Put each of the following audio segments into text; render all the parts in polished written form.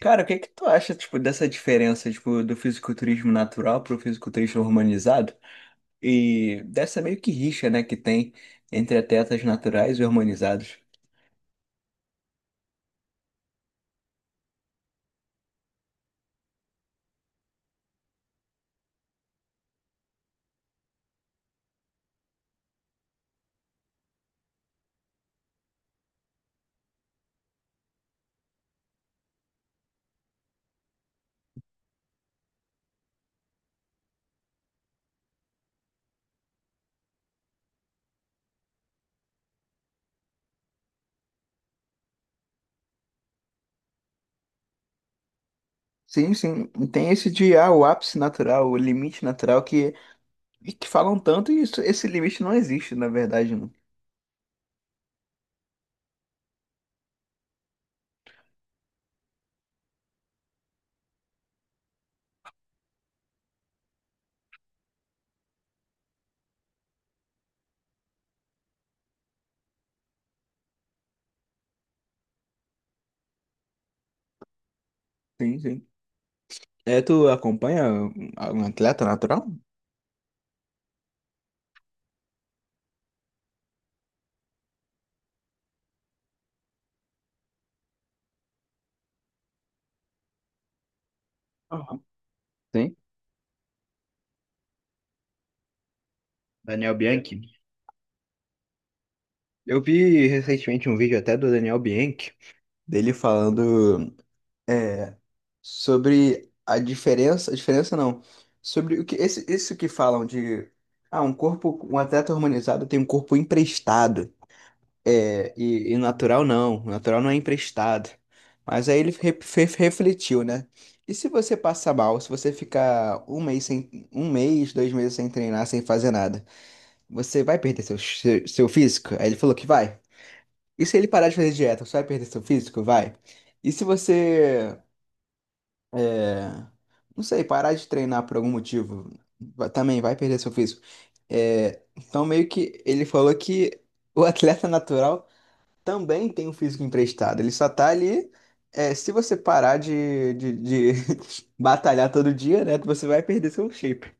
Cara, o que é que tu acha, tipo, dessa diferença, tipo, do fisiculturismo natural pro fisiculturismo hormonizado? E dessa meio que rixa, né, que tem entre atletas naturais e hormonizados. Sim, sim. E tem esse de ah, o ápice natural, o limite natural que, e que falam tanto e isso, esse limite não existe, na verdade, não. Sim, sim. É, tu acompanha um atleta natural? Aham. Sim, Daniel Bianchi. Eu vi recentemente um vídeo até do Daniel Bianchi, dele falando é, sobre a diferença não, sobre o que esse, isso que falam de ah, um corpo, um atleta hormonizado tem um corpo emprestado. É, e natural não é emprestado. Mas aí ele refletiu, né? E se você passar mal, se você ficar um mês sem, um mês, dois meses sem treinar, sem fazer nada, você vai perder seu físico? Aí ele falou que vai. E se ele parar de fazer dieta, você vai perder seu físico? Vai. E se você, é, não sei, parar de treinar por algum motivo, também vai perder seu físico. É, então meio que ele falou que o atleta natural também tem um físico emprestado. Ele só tá ali. É, se você parar de batalhar todo dia, né? Você vai perder seu shape.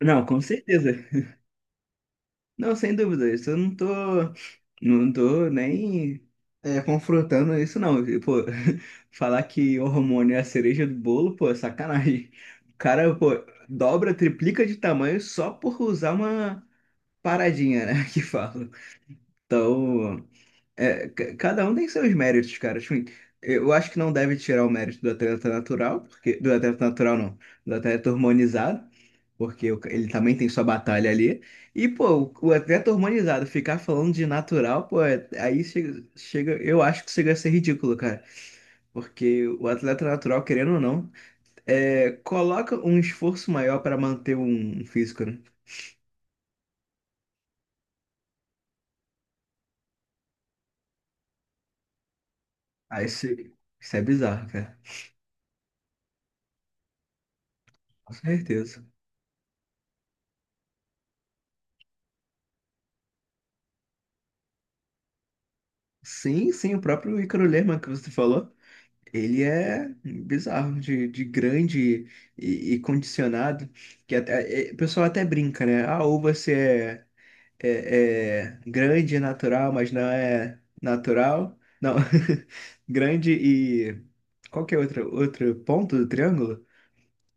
Não, com certeza. Não, sem dúvida. Isso eu não tô nem confrontando isso, não. E, pô, falar que o hormônio é a cereja do bolo, pô, é sacanagem. O cara, pô, dobra, triplica de tamanho só por usar uma paradinha, né? Que fala. Então. É, cada um tem seus méritos, cara. Tipo, eu acho que não deve tirar o mérito do atleta natural, porque do atleta natural não, do atleta hormonizado, porque o ele também tem sua batalha ali. E pô, o atleta hormonizado ficar falando de natural, pô, aí chega, eu acho que chega a ser ridículo, cara, porque o atleta natural, querendo ou não, é, coloca um esforço maior para manter um físico, né? Aí isso é bizarro, cara. Com certeza. Sim, sim, o próprio Ícaro Lerman que você falou. Ele é bizarro, de grande e condicionado, que até, o pessoal até brinca, né? Ah, ou você é grande e natural, mas não é natural. Não, grande e... Qual que é outro, outro ponto do triângulo?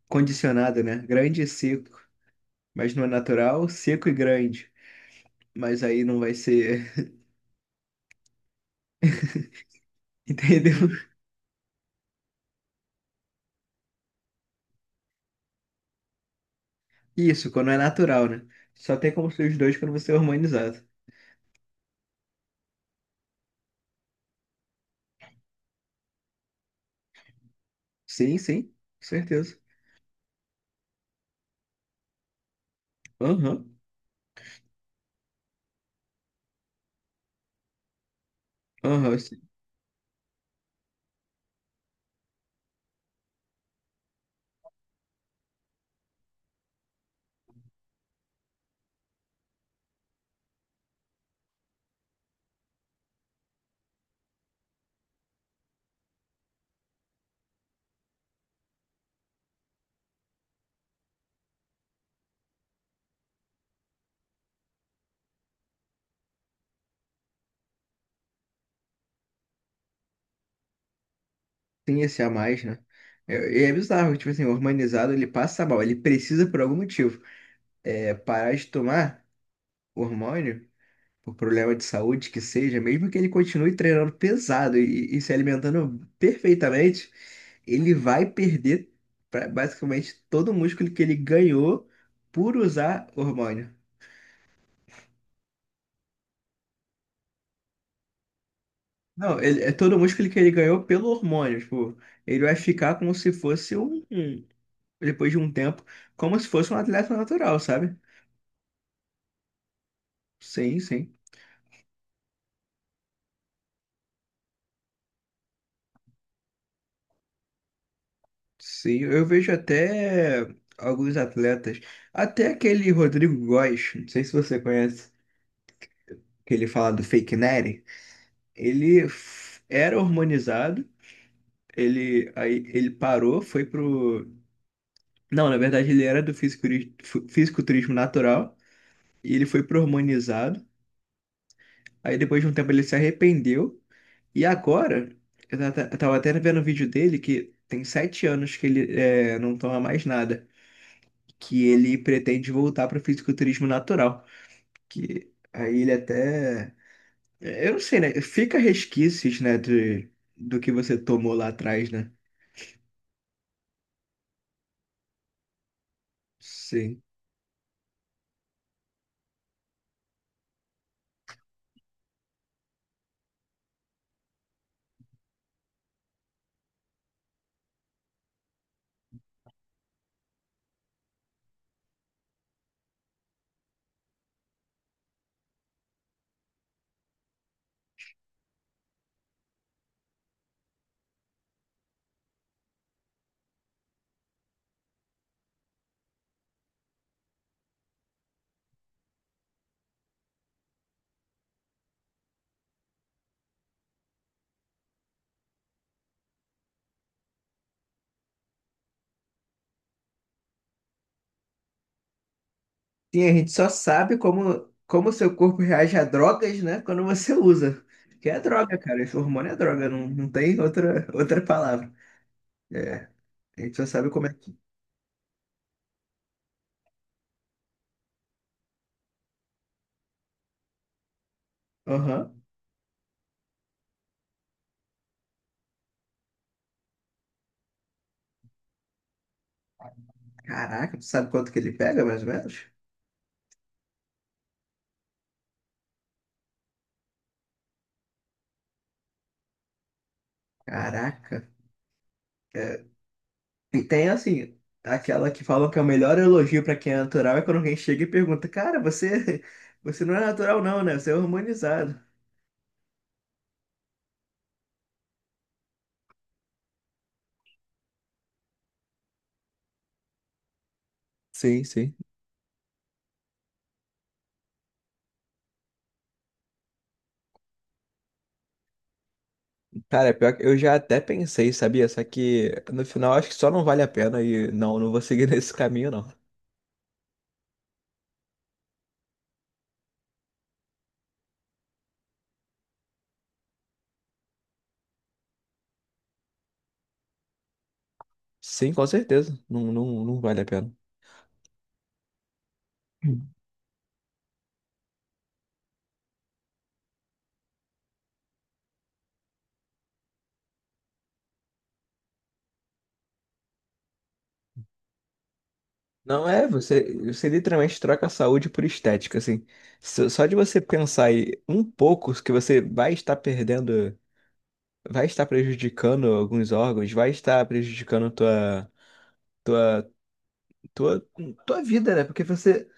Condicionado, né? Grande e seco, mas não é natural, seco e grande. Mas aí não vai ser... Entendeu? Isso, quando é natural, né? Só tem como ser os dois quando você é harmonizado. Sim, sim, com certeza. Aham, aham, sim, tem esse a mais, né? E é bizarro, tipo assim, o hormonizado ele passa mal, ele precisa por algum motivo parar de tomar o hormônio, por problema de saúde que seja, mesmo que ele continue treinando pesado e se alimentando perfeitamente, ele vai perder basicamente todo o músculo que ele ganhou por usar hormônio. Não, ele, é todo o músculo que ele ganhou pelo hormônio, tipo, ele vai ficar como se fosse um. Depois de um tempo, como se fosse um atleta natural, sabe? Sim, sim. Sim, eu vejo até alguns atletas, até aquele Rodrigo Góes, não sei se você conhece, que ele fala do fake Nery, era hormonizado, ele parou, foi pro Não, na verdade ele era do fisiculturismo, fisiculturismo natural e ele foi pro hormonizado. Aí depois de um tempo ele se arrependeu. E agora, eu tava até vendo um vídeo dele que tem 7 anos que ele não toma mais nada, que ele pretende voltar para o fisiculturismo natural, que aí ele até, é, eu não sei, né? Fica resquícios, né, de, do que você tomou lá atrás, né? Sim. Sim, a gente só sabe como como o seu corpo reage a drogas, né, quando você usa. Que é droga, cara. Esse hormônio é droga, não, não tem outra palavra. É, a gente só sabe como é que. Aham. Caraca, tu sabe quanto que ele pega, mais ou menos? Caraca. É, e tem, assim, aquela que falam que é o melhor elogio pra quem é natural é quando alguém chega e pergunta, cara, você, você não é natural não, né? Você é hormonizado. Sim, sim. Cara, pior que eu já até pensei, sabia? Só que no final acho que só não vale a pena e não, não vou seguir nesse caminho, não. Sim, com certeza. Não, não, não vale a pena. Não é, você, você literalmente troca a saúde por estética, assim. Só de você pensar em um pouco que você vai estar perdendo, vai estar prejudicando alguns órgãos, vai estar prejudicando tua, tua, tua vida, né? Porque você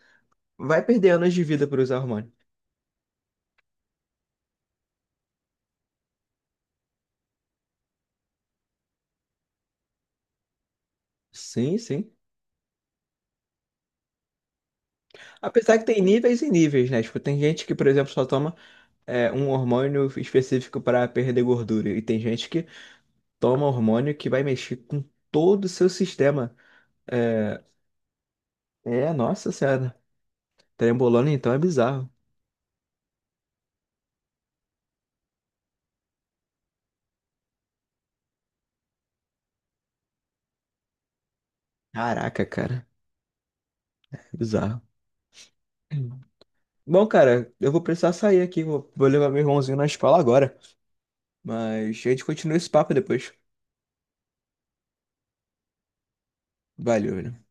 vai perder anos de vida por usar hormônio. Sim, sim. Apesar que tem níveis e níveis, né? Tipo, tem gente que, por exemplo, só toma um hormônio específico para perder gordura, e tem gente que toma hormônio que vai mexer com todo o seu sistema é, É, nossa senhora. Trembolona então é bizarro. Caraca, cara. É bizarro. Bom, cara, eu vou precisar sair aqui. Vou levar meu irmãozinho na escola agora. Mas a gente continua esse papo depois. Valeu, né?